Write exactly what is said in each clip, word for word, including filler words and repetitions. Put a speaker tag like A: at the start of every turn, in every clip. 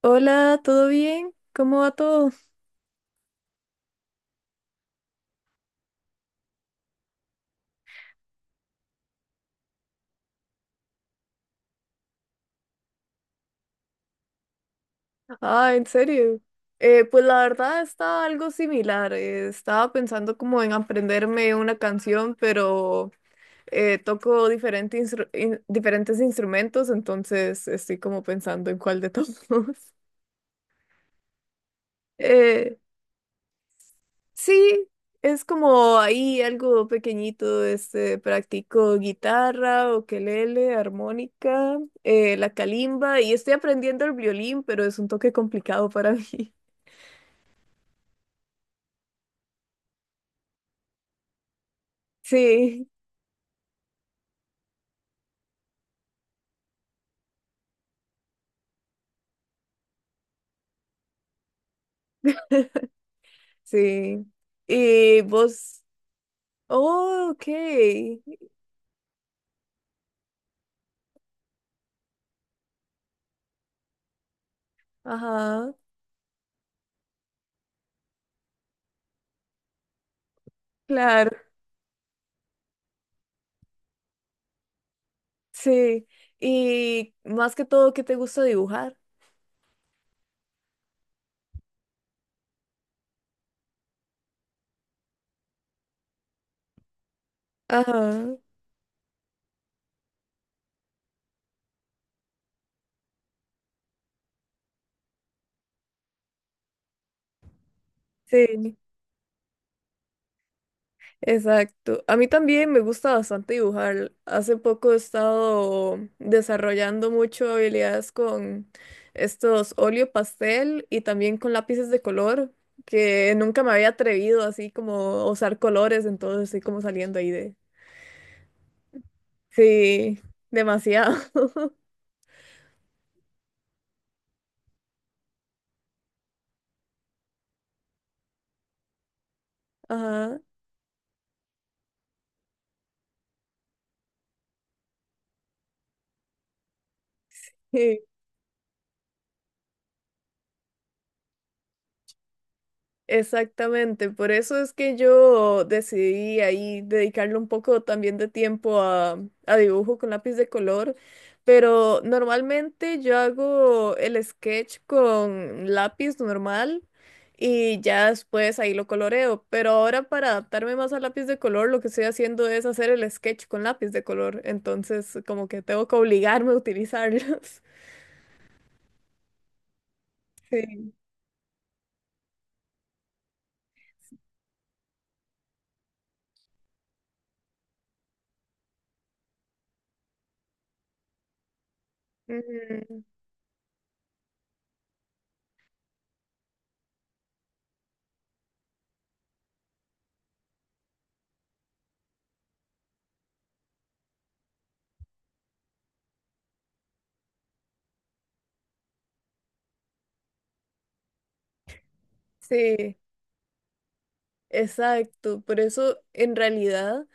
A: Hola, ¿todo bien? ¿Cómo va todo? Ah, ¿en serio? Eh, pues la verdad está algo similar. Eh, estaba pensando como en aprenderme una canción, pero eh, toco diferente instru- in- diferentes instrumentos, entonces estoy como pensando en cuál de todos. Eh, Sí, es como ahí algo pequeñito, este, practico guitarra, ukelele, armónica, eh, la calimba y estoy aprendiendo el violín, pero es un toque complicado para mí. Sí, sí. Y vos, oh, ok, ajá, claro, sí. Y más que todo, ¿qué te gusta dibujar? Ajá, sí. Exacto. A mí también me gusta bastante dibujar. Hace poco he estado desarrollando mucho habilidades con estos óleo pastel y también con lápices de color, que nunca me había atrevido así como a usar colores, entonces estoy como saliendo ahí de... Sí, demasiado. Ajá. Exactamente, por eso es que yo decidí ahí dedicarle un poco también de tiempo a, a dibujo con lápiz de color, pero normalmente yo hago el sketch con lápiz normal y ya después ahí lo coloreo, pero ahora para adaptarme más al lápiz de color lo que estoy haciendo es hacer el sketch con lápiz de color, entonces como que tengo que obligarme a utilizarlos. Sí. Ujú, sí. Exacto, por eso en realidad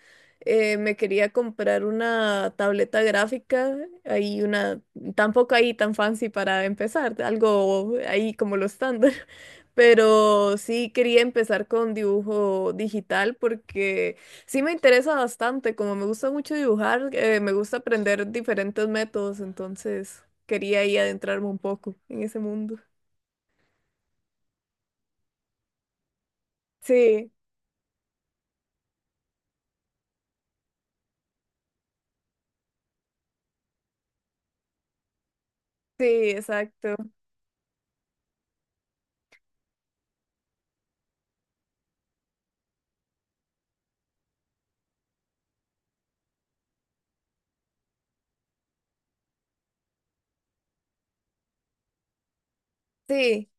A: eh, me quería comprar una tableta gráfica, ahí una, tampoco ahí tan fancy para empezar, algo ahí como lo estándar, pero sí quería empezar con dibujo digital porque sí me interesa bastante, como me gusta mucho dibujar, eh, me gusta aprender diferentes métodos, entonces quería ahí adentrarme un poco en ese mundo. Sí, sí, exacto. Sí.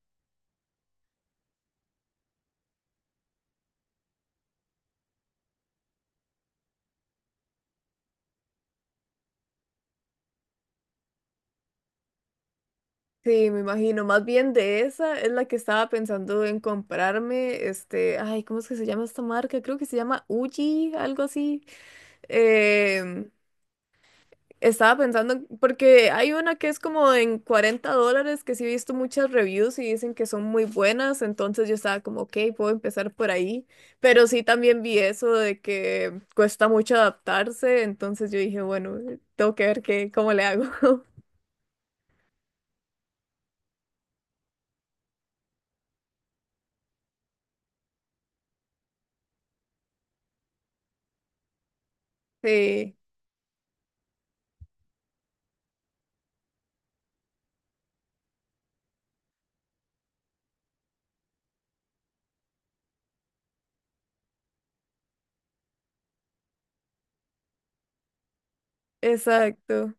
A: Sí, me imagino. Más bien de esa es la que estaba pensando en comprarme. Este, ay, ¿cómo es que se llama esta marca? Creo que se llama Uji, algo así. Em, Estaba pensando, en- porque hay una que es como en cuarenta dólares, que sí he visto muchas reviews y dicen que son muy buenas. Entonces yo estaba como, ok, puedo empezar por ahí. Pero sí también vi eso de que cuesta mucho adaptarse. Entonces yo dije, bueno, tengo que ver qué, cómo le hago. Sí, exacto,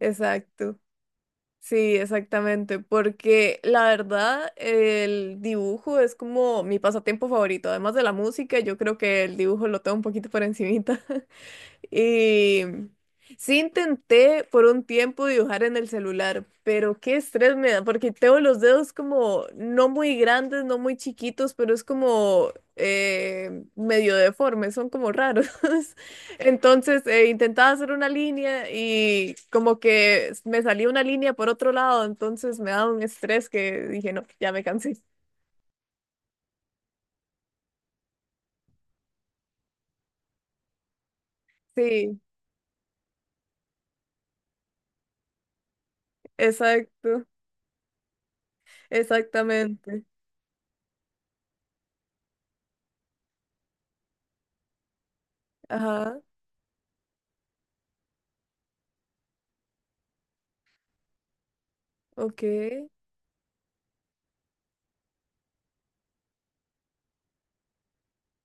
A: exacto. Sí, exactamente, porque la verdad el dibujo es como mi pasatiempo favorito, además de la música, yo creo que el dibujo lo tengo un poquito por encimita. Y sí intenté por un tiempo dibujar en el celular, pero qué estrés me da, porque tengo los dedos como no muy grandes, no muy chiquitos, pero es como eh, medio deformes, son como raros. Entonces eh, intentaba hacer una línea y como que me salía una línea por otro lado, entonces me daba un estrés que dije, no, ya me cansé. Sí, exacto, exactamente. Ajá, ok,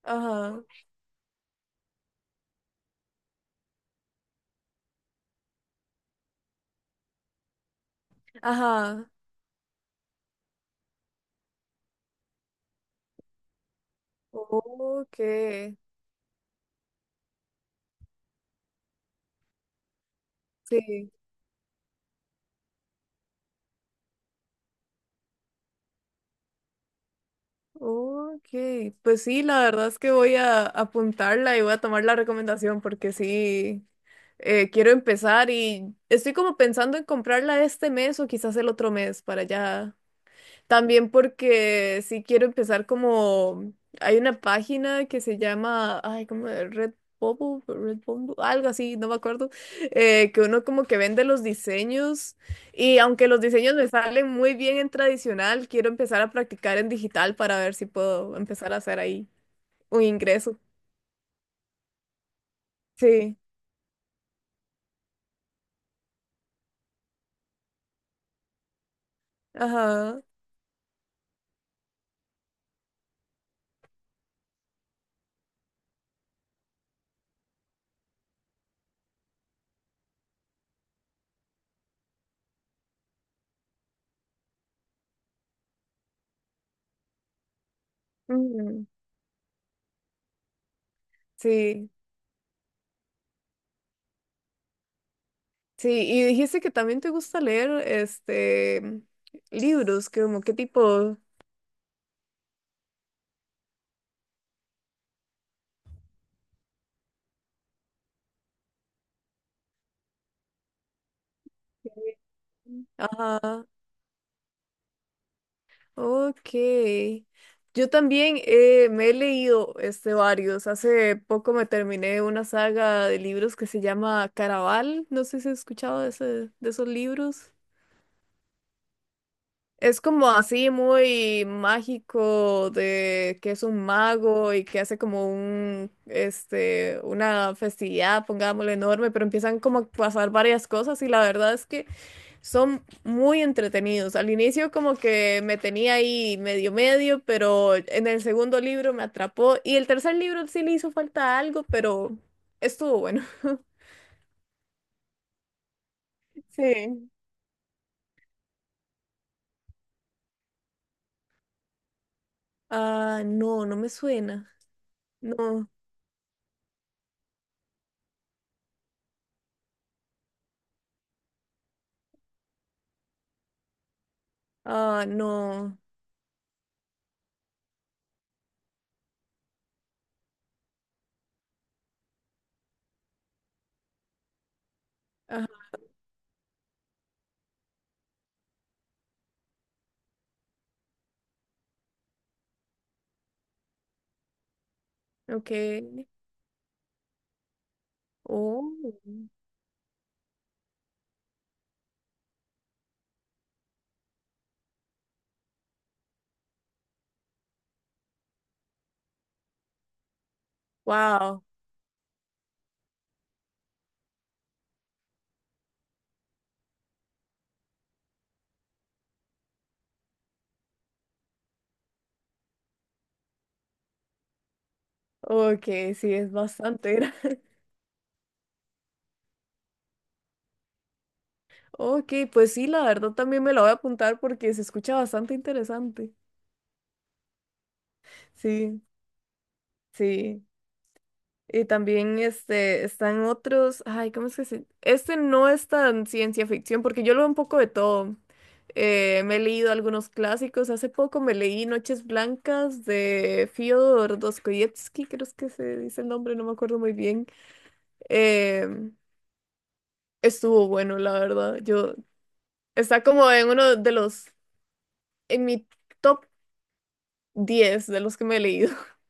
A: ajá, ajá. Ok, sí, ok. Pues sí, la verdad es que voy a apuntarla y voy a tomar la recomendación porque sí, eh, quiero empezar y estoy como pensando en comprarla este mes o quizás el otro mes para ya. También porque sí quiero empezar como hay una página que se llama, ay, como Red Bubble, Red Bumble, algo así, no me acuerdo, eh, que uno como que vende los diseños y aunque los diseños me salen muy bien en tradicional, quiero empezar a practicar en digital para ver si puedo empezar a hacer ahí un ingreso. Sí, ajá. Ujú, sí, sí, y dijiste que también te gusta leer este libros, como qué tipo, ajá. Ok. Yo también eh, me he leído este, varios. Hace poco me terminé una saga de libros que se llama Caraval. No sé si has escuchado de, ese, de esos libros. Es como así muy mágico de que es un mago y que hace como un, este, una festividad, pongámosle enorme, pero empiezan como a pasar varias cosas y la verdad es que son muy entretenidos. Al inicio como que me tenía ahí medio medio, pero en el segundo libro me atrapó y el tercer libro sí le hizo falta algo, pero estuvo bueno. Sí. Ah, no, no me suena. No. Ah, no. Ajá, ok. Oh, wow. Ok, sí, es bastante grande. Ok, pues sí, la verdad también me la voy a apuntar porque se escucha bastante interesante. Sí, sí. Y también este, están otros, ay, ¿cómo es que se...? Este no es tan ciencia ficción porque yo leo un poco de todo. Eh, me he leído algunos clásicos, hace poco me leí Noches Blancas de Fyodor Dostoyevsky, creo es que se dice el nombre, no me acuerdo muy bien. Em, Estuvo bueno, la verdad. Yo, está como en uno de los, en mi top diez de los que me he leído.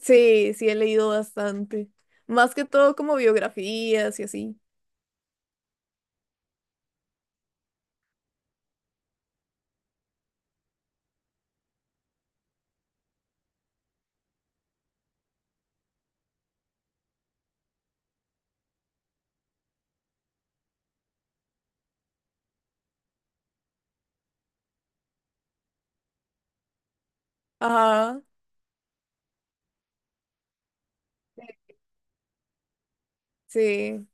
A: Sí, sí, he leído bastante. Más que todo como biografías y así. Ajá. Sí,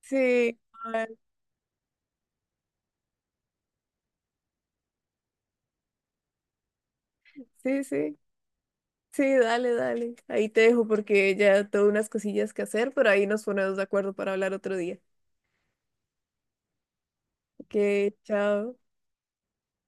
A: sí, ay, sí, sí, sí, dale, dale. Ahí te dejo porque ya tengo unas cosillas que hacer, pero ahí nos ponemos de acuerdo para hablar otro día. Ok, chao.